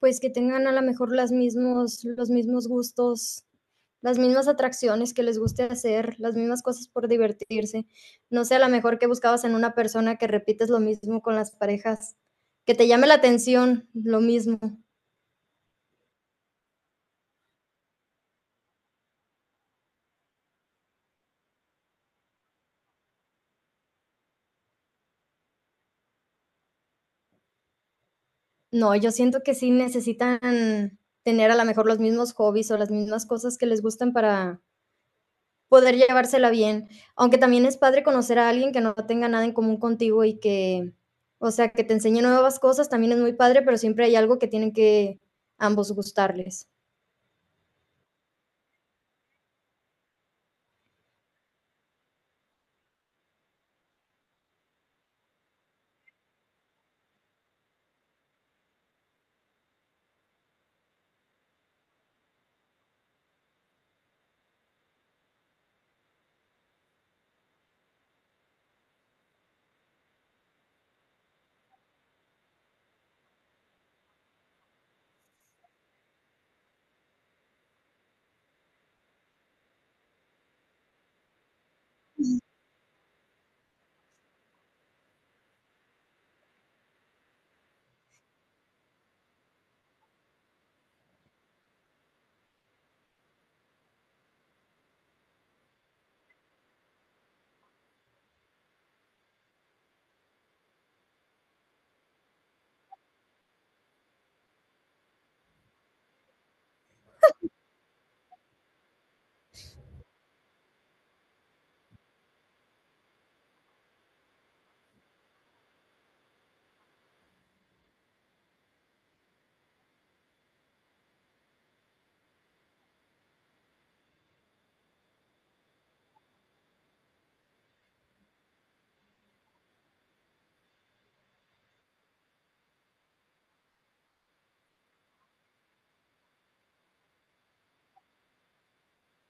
Pues que tengan a lo mejor los mismos gustos, las mismas atracciones que les guste hacer, las mismas cosas por divertirse. No sé, a lo mejor que buscabas en una persona que repites lo mismo con las parejas, que te llame la atención, lo mismo. No, yo siento que sí necesitan tener a lo mejor los mismos hobbies o las mismas cosas que les gustan para, poder llevársela bien, aunque también es padre conocer a alguien que no tenga nada en común contigo y que, o sea, que te enseñe nuevas cosas, también es muy padre, pero siempre hay algo que tienen que ambos gustarles.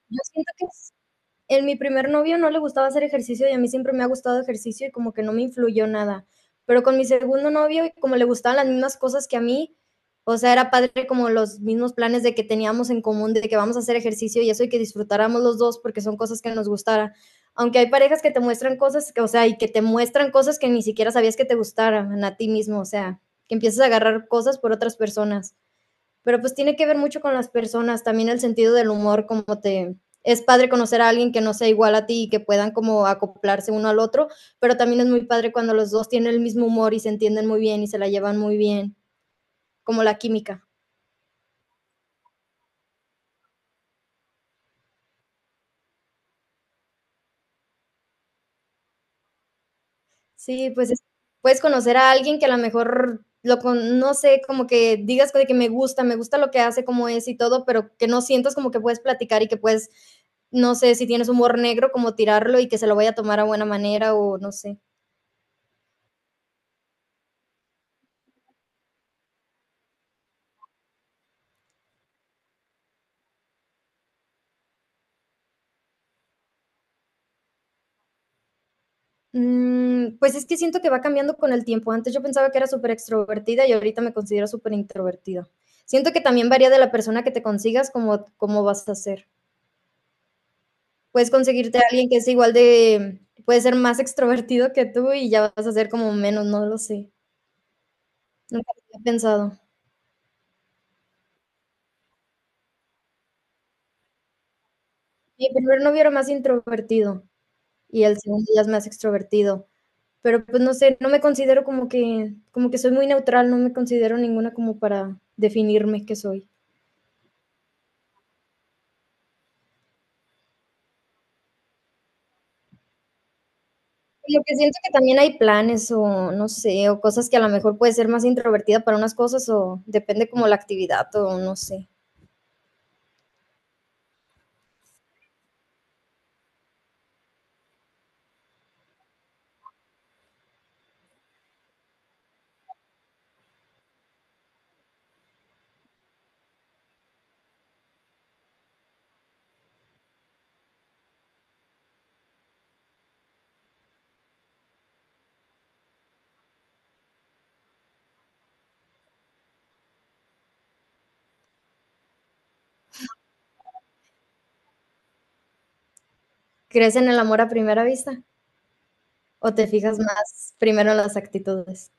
Yo siento que es en mi primer novio no le gustaba hacer ejercicio y a mí siempre me ha gustado ejercicio y como que no me influyó nada. Pero con mi segundo novio, como le gustaban las mismas cosas que a mí, o sea, era padre como los mismos planes de que teníamos en común, de que vamos a hacer ejercicio y eso y que disfrutáramos los dos porque son cosas que nos gustara. Aunque hay parejas que te muestran cosas, que, o sea, y que te muestran cosas que ni siquiera sabías que te gustaran a ti mismo, o sea, que empiezas a agarrar cosas por otras personas. Pero pues tiene que ver mucho con las personas, también el sentido del humor, como te... Es padre conocer a alguien que no sea igual a ti y que puedan como acoplarse uno al otro, pero también es muy padre cuando los dos tienen el mismo humor y se entienden muy bien y se la llevan muy bien, como la química. Sí, pues puedes conocer a alguien que a lo mejor no sé, como que digas de que me gusta lo que hace, como es y todo, pero que no sientas como que puedes platicar y que puedes, no sé, si tienes humor negro, como tirarlo y que se lo vaya a tomar a buena manera o no sé. Pues es que siento que va cambiando con el tiempo. Antes yo pensaba que era súper extrovertida y ahorita me considero súper introvertida. Siento que también varía de la persona que te consigas, como cómo vas a ser. Puedes conseguirte a alguien que es igual de, puede ser más extrovertido que tú y ya vas a ser como menos, no lo sé. Nunca lo había pensado. Mi primer novio era más introvertido y el segundo ya es más extrovertido. Pero pues no sé, no me considero como que soy muy neutral, no me considero ninguna como para definirme qué soy. Lo que siento que también hay planes o no sé, o cosas que a lo mejor puede ser más introvertida para unas cosas o depende como la actividad o no sé. ¿Crees en el amor a primera vista o te fijas más primero en las actitudes?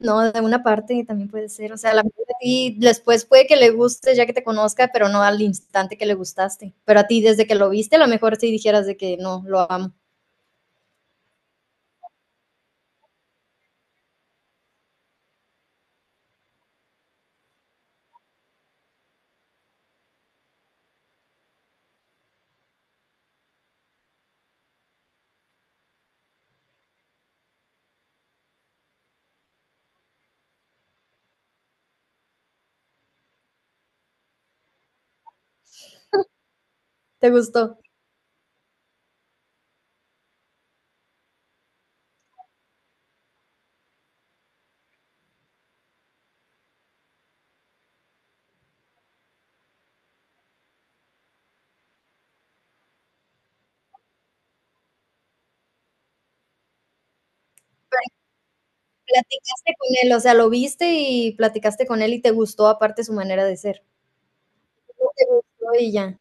No, de una parte también puede ser, o sea, a lo mejor a ti después puede que le guste ya que te conozca, pero no al instante que le gustaste. Pero a ti desde que lo viste, a lo mejor sí dijeras de que no, lo amo, te gustó. Pero platicaste con él, o sea, lo viste y platicaste con él y te gustó aparte su manera de ser. No te gustó y ya.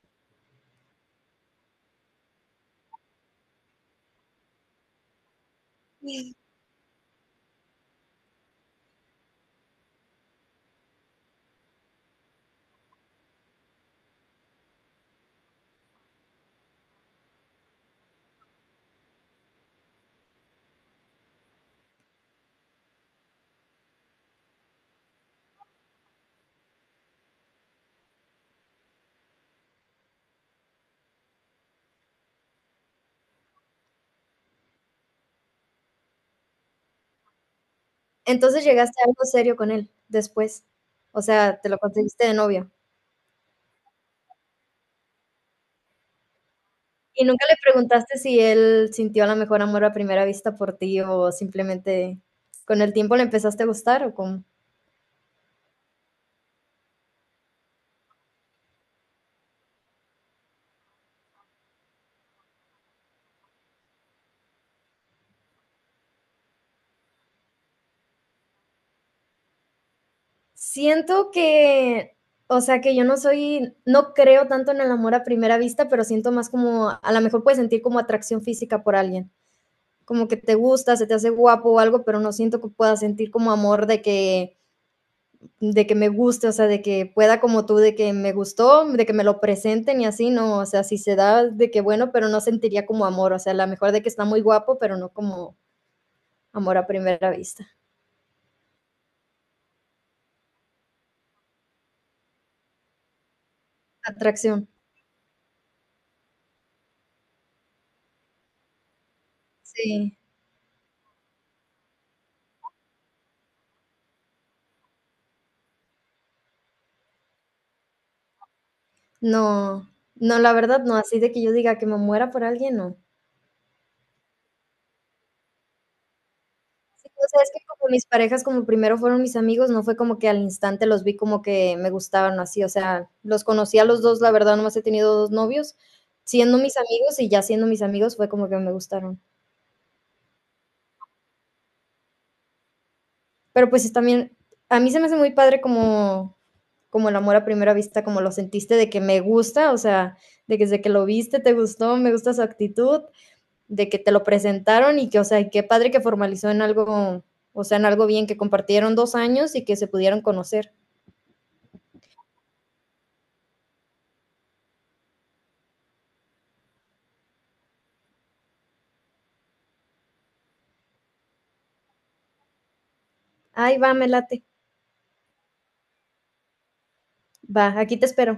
Entonces, ¿llegaste a algo serio con él después, o sea, te lo conseguiste de novio, y nunca le preguntaste si él sintió a lo mejor amor a primera vista por ti o simplemente con el tiempo le empezaste a gustar o cómo? Siento que, o sea, que yo no soy no creo tanto en el amor a primera vista, pero siento más como a lo mejor puedes sentir como atracción física por alguien, como que te gusta, se te hace guapo o algo, pero no siento que puedas sentir como amor de que me guste, o sea, de que pueda como tú, de que me gustó, de que me lo presenten y así, no, o sea, si se da de que bueno, pero no sentiría como amor, o sea, a lo mejor de que está muy guapo, pero no como amor a primera vista, atracción. Sí. No, no, la verdad no, así de que yo diga que me muera por alguien, no. Sí, o sea, es que como mis parejas, como primero fueron mis amigos, no fue como que al instante los vi como que me gustaban o así, o sea, los conocí a los dos, la verdad, nomás he tenido 2 novios, siendo mis amigos y ya siendo mis amigos fue como que me gustaron. Pero pues también, a mí se me hace muy padre como, como el amor a primera vista, como lo sentiste de que me gusta, o sea, de que desde que lo viste te gustó, me gusta su actitud, de que te lo presentaron y que, o sea, qué padre que formalizó en algo, o sea, en algo bien, que compartieron 2 años y que se pudieron conocer. Ay, va, me late. Va, aquí te espero.